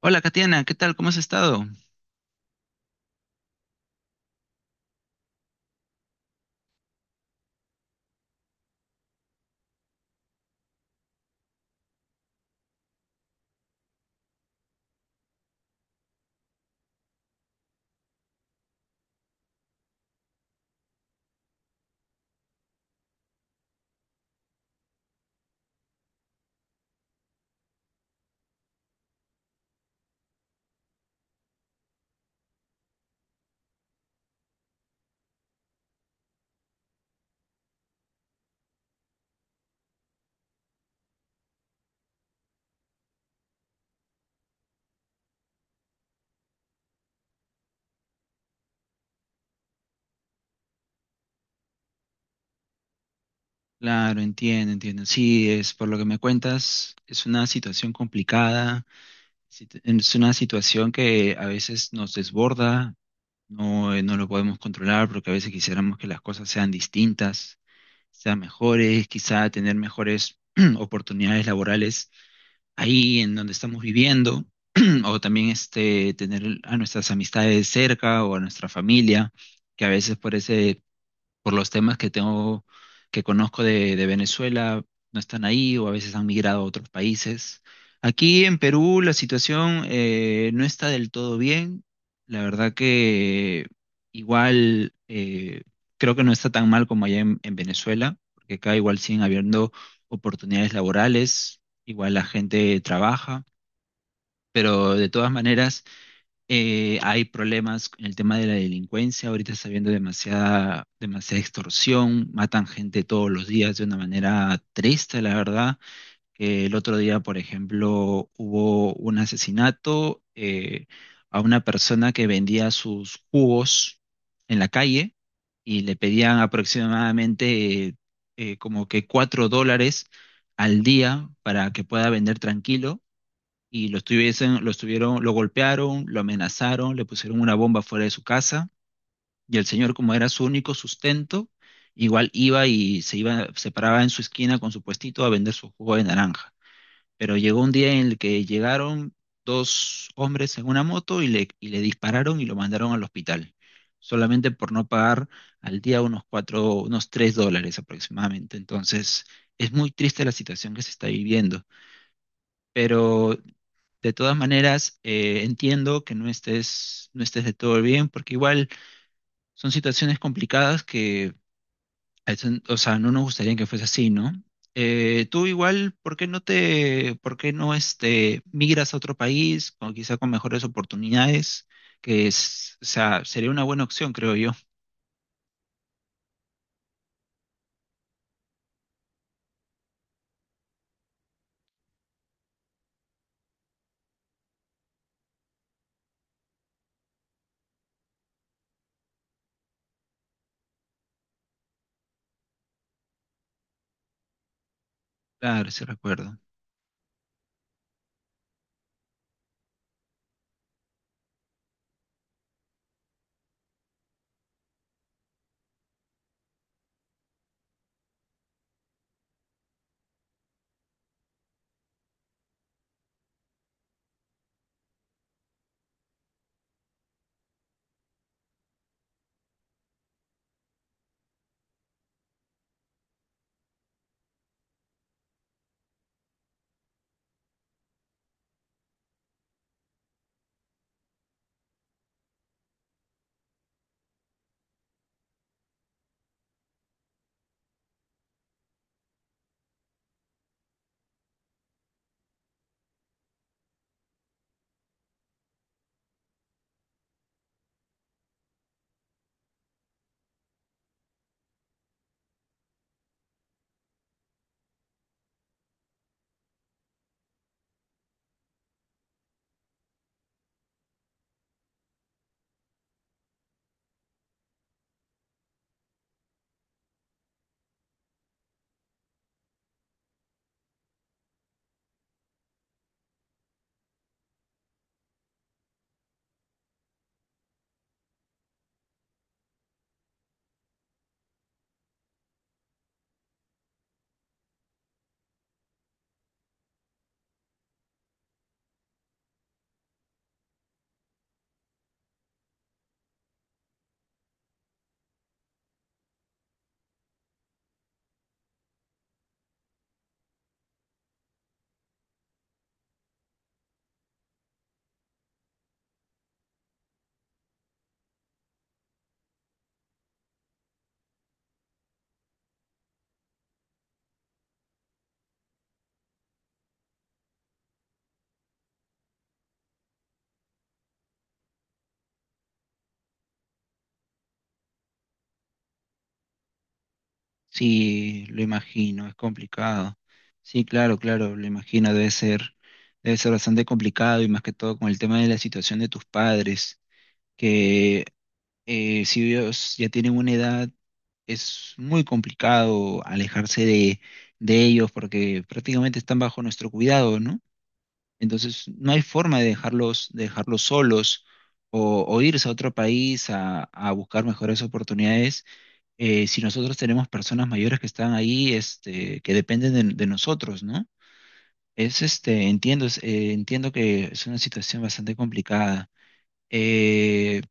Hola, Katiana, ¿qué tal? ¿Cómo has estado? Claro, entiendo, entiendo. Sí, es por lo que me cuentas, es una situación complicada, es una situación que a veces nos desborda, no, no lo podemos controlar porque a veces quisiéramos que las cosas sean distintas, sean mejores, quizá tener mejores oportunidades laborales ahí en donde estamos viviendo, o también este, tener a nuestras amistades cerca o a nuestra familia, que a veces por ese por los temas que tengo, que conozco de Venezuela, no están ahí o a veces han migrado a otros países. Aquí en Perú la situación no está del todo bien. La verdad que igual creo que no está tan mal como allá en Venezuela, porque acá igual siguen habiendo oportunidades laborales, igual la gente trabaja, pero de todas maneras. Hay problemas en el tema de la delincuencia, ahorita está habiendo demasiada, demasiada extorsión, matan gente todos los días de una manera triste, la verdad. El otro día, por ejemplo, hubo un asesinato a una persona que vendía sus jugos en la calle y le pedían aproximadamente como que $4 al día para que pueda vender tranquilo y lo estuvieron, lo golpearon, lo amenazaron, le pusieron una bomba fuera de su casa, y el señor, como era su único sustento, igual iba y se iba, se paraba en su esquina con su puestito a vender su jugo de naranja. Pero llegó un día en el que llegaron dos hombres en una moto y le dispararon y lo mandaron al hospital, solamente por no pagar al día unos cuatro, unos $3 aproximadamente. Entonces, es muy triste la situación que se está viviendo. Pero de todas maneras, entiendo que no estés, no estés de todo bien, porque igual son situaciones complicadas que, o sea, no nos gustaría que fuese así, ¿no? Tú igual, ¿por qué no te, por qué no este, migras a otro país, o quizá con mejores oportunidades? Que es, o sea, sería una buena opción, creo yo. Claro, sí recuerdo. Sí, lo imagino, es complicado. Sí, claro, claro, lo imagino, debe ser bastante complicado y más que todo con el tema de la situación de tus padres, que si ellos ya tienen una edad, es muy complicado alejarse de ellos porque prácticamente están bajo nuestro cuidado, ¿no? Entonces, no hay forma de dejarlos solos o irse a otro país a buscar mejores oportunidades si nosotros tenemos personas mayores que están ahí, este, que dependen de nosotros, ¿no? Es este, entiendo, es, entiendo que es una situación bastante complicada. Eh,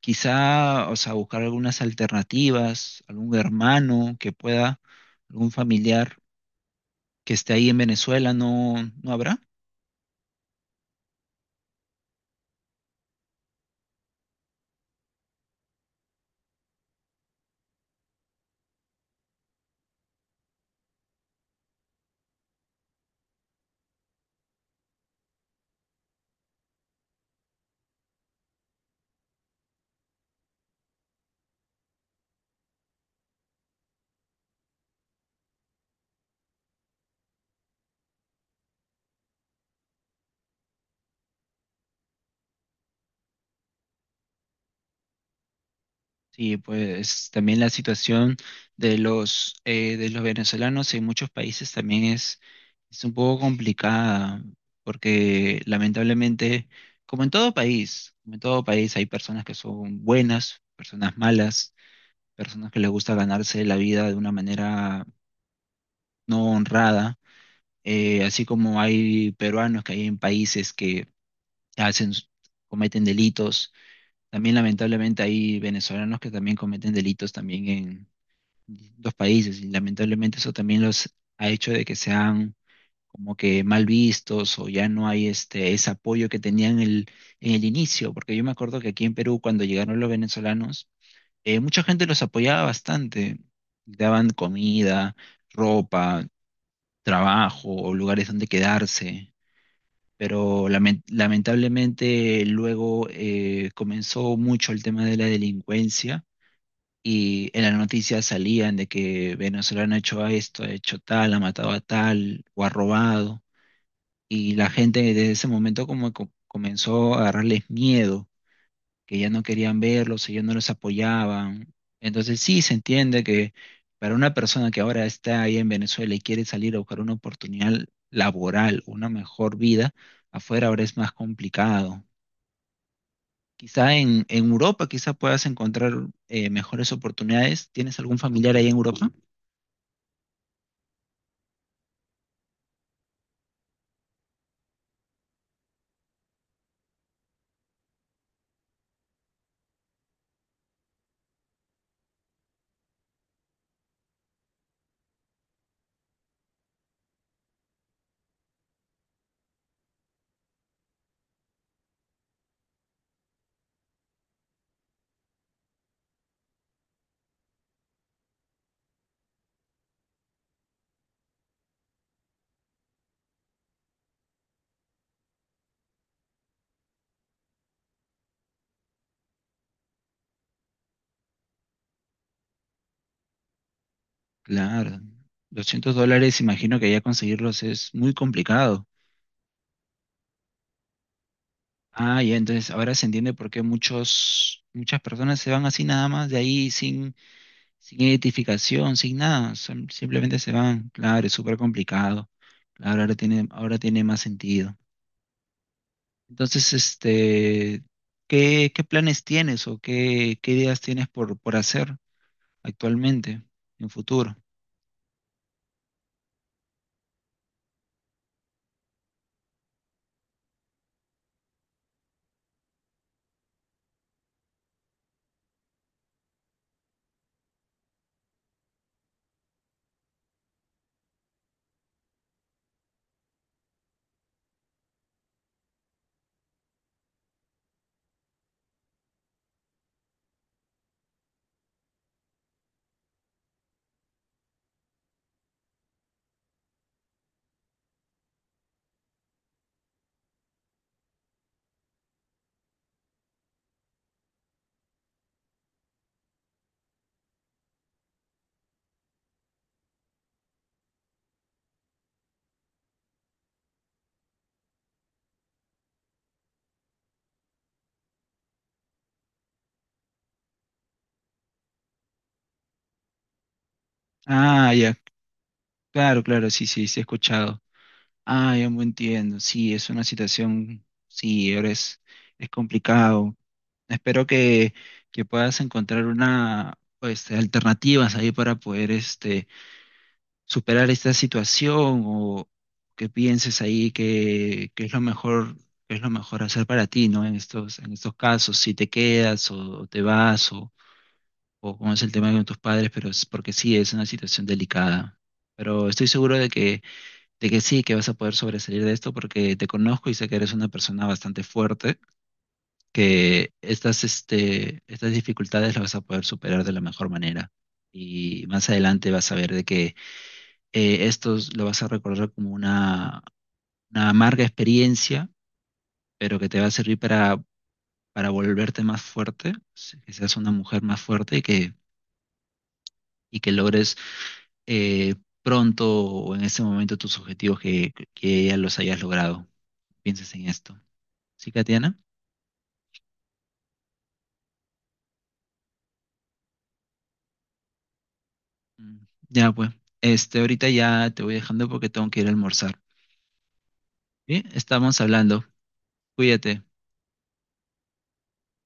Quizá, o sea, buscar algunas alternativas, algún hermano que pueda, algún familiar que esté ahí en Venezuela, ¿no, no habrá? Sí, pues también la situación de los venezolanos en muchos países también es. Es un poco complicada porque lamentablemente, como en todo país, como en todo país hay personas que son buenas, personas malas, personas que les gusta ganarse la vida de una manera no honrada, así como hay peruanos que hay en países que hacen, cometen delitos, también lamentablemente hay venezolanos que también cometen delitos también en los países y lamentablemente eso también los ha hecho de que sean como que mal vistos o ya no hay este, ese apoyo que tenían en el inicio, porque yo me acuerdo que aquí en Perú cuando llegaron los venezolanos, mucha gente los apoyaba bastante, daban comida, ropa, trabajo o lugares donde quedarse. Pero lamentablemente luego comenzó mucho el tema de la delincuencia y en las noticias salían de que venezolano ha hecho esto, ha hecho tal, ha matado a tal o ha robado. Y la gente desde ese momento como comenzó a agarrarles miedo, que ya no querían verlos, que ya no los apoyaban. Entonces sí se entiende que para una persona que ahora está ahí en Venezuela y quiere salir a buscar una oportunidad laboral, una mejor vida, afuera ahora es más complicado. Quizá en Europa, quizá puedas encontrar mejores oportunidades. ¿Tienes algún familiar ahí en Europa? Claro, $200, imagino que ya conseguirlos es muy complicado. Ah, ya, entonces ahora se entiende por qué muchos, muchas personas se van así nada más de ahí sin, sin identificación, sin nada, simplemente se van. Claro, es súper complicado. Claro, ahora tiene más sentido. Entonces, este, ¿qué, qué planes tienes o qué, qué ideas tienes por hacer actualmente, en futuro? Ah, ya, claro, claro, sí, sí, sí he escuchado. Ah, ya me entiendo. Sí, es una situación, sí, ahora es complicado. Espero que puedas encontrar una, este, alternativas ahí para poder este, superar esta situación o que pienses ahí que es lo mejor, que es lo mejor hacer para ti, ¿no? En estos casos, si te quedas o, te vas o cómo es el tema con tus padres, pero es porque sí, es una situación delicada. Pero estoy seguro de que sí, que vas a poder sobresalir de esto porque te conozco y sé que eres una persona bastante fuerte que estas, este, estas dificultades las vas a poder superar de la mejor manera. Y más adelante vas a ver de que esto lo vas a recordar como una amarga experiencia, pero que te va a servir para volverte más fuerte, que seas una mujer más fuerte y que logres eh, pronto o en ese momento tus objetivos que ya los hayas logrado. Pienses en esto. ¿Sí, Katiana? Mm, ya, pues. Este, ahorita ya te voy dejando porque tengo que ir a almorzar. Bien, estamos hablando. Cuídate.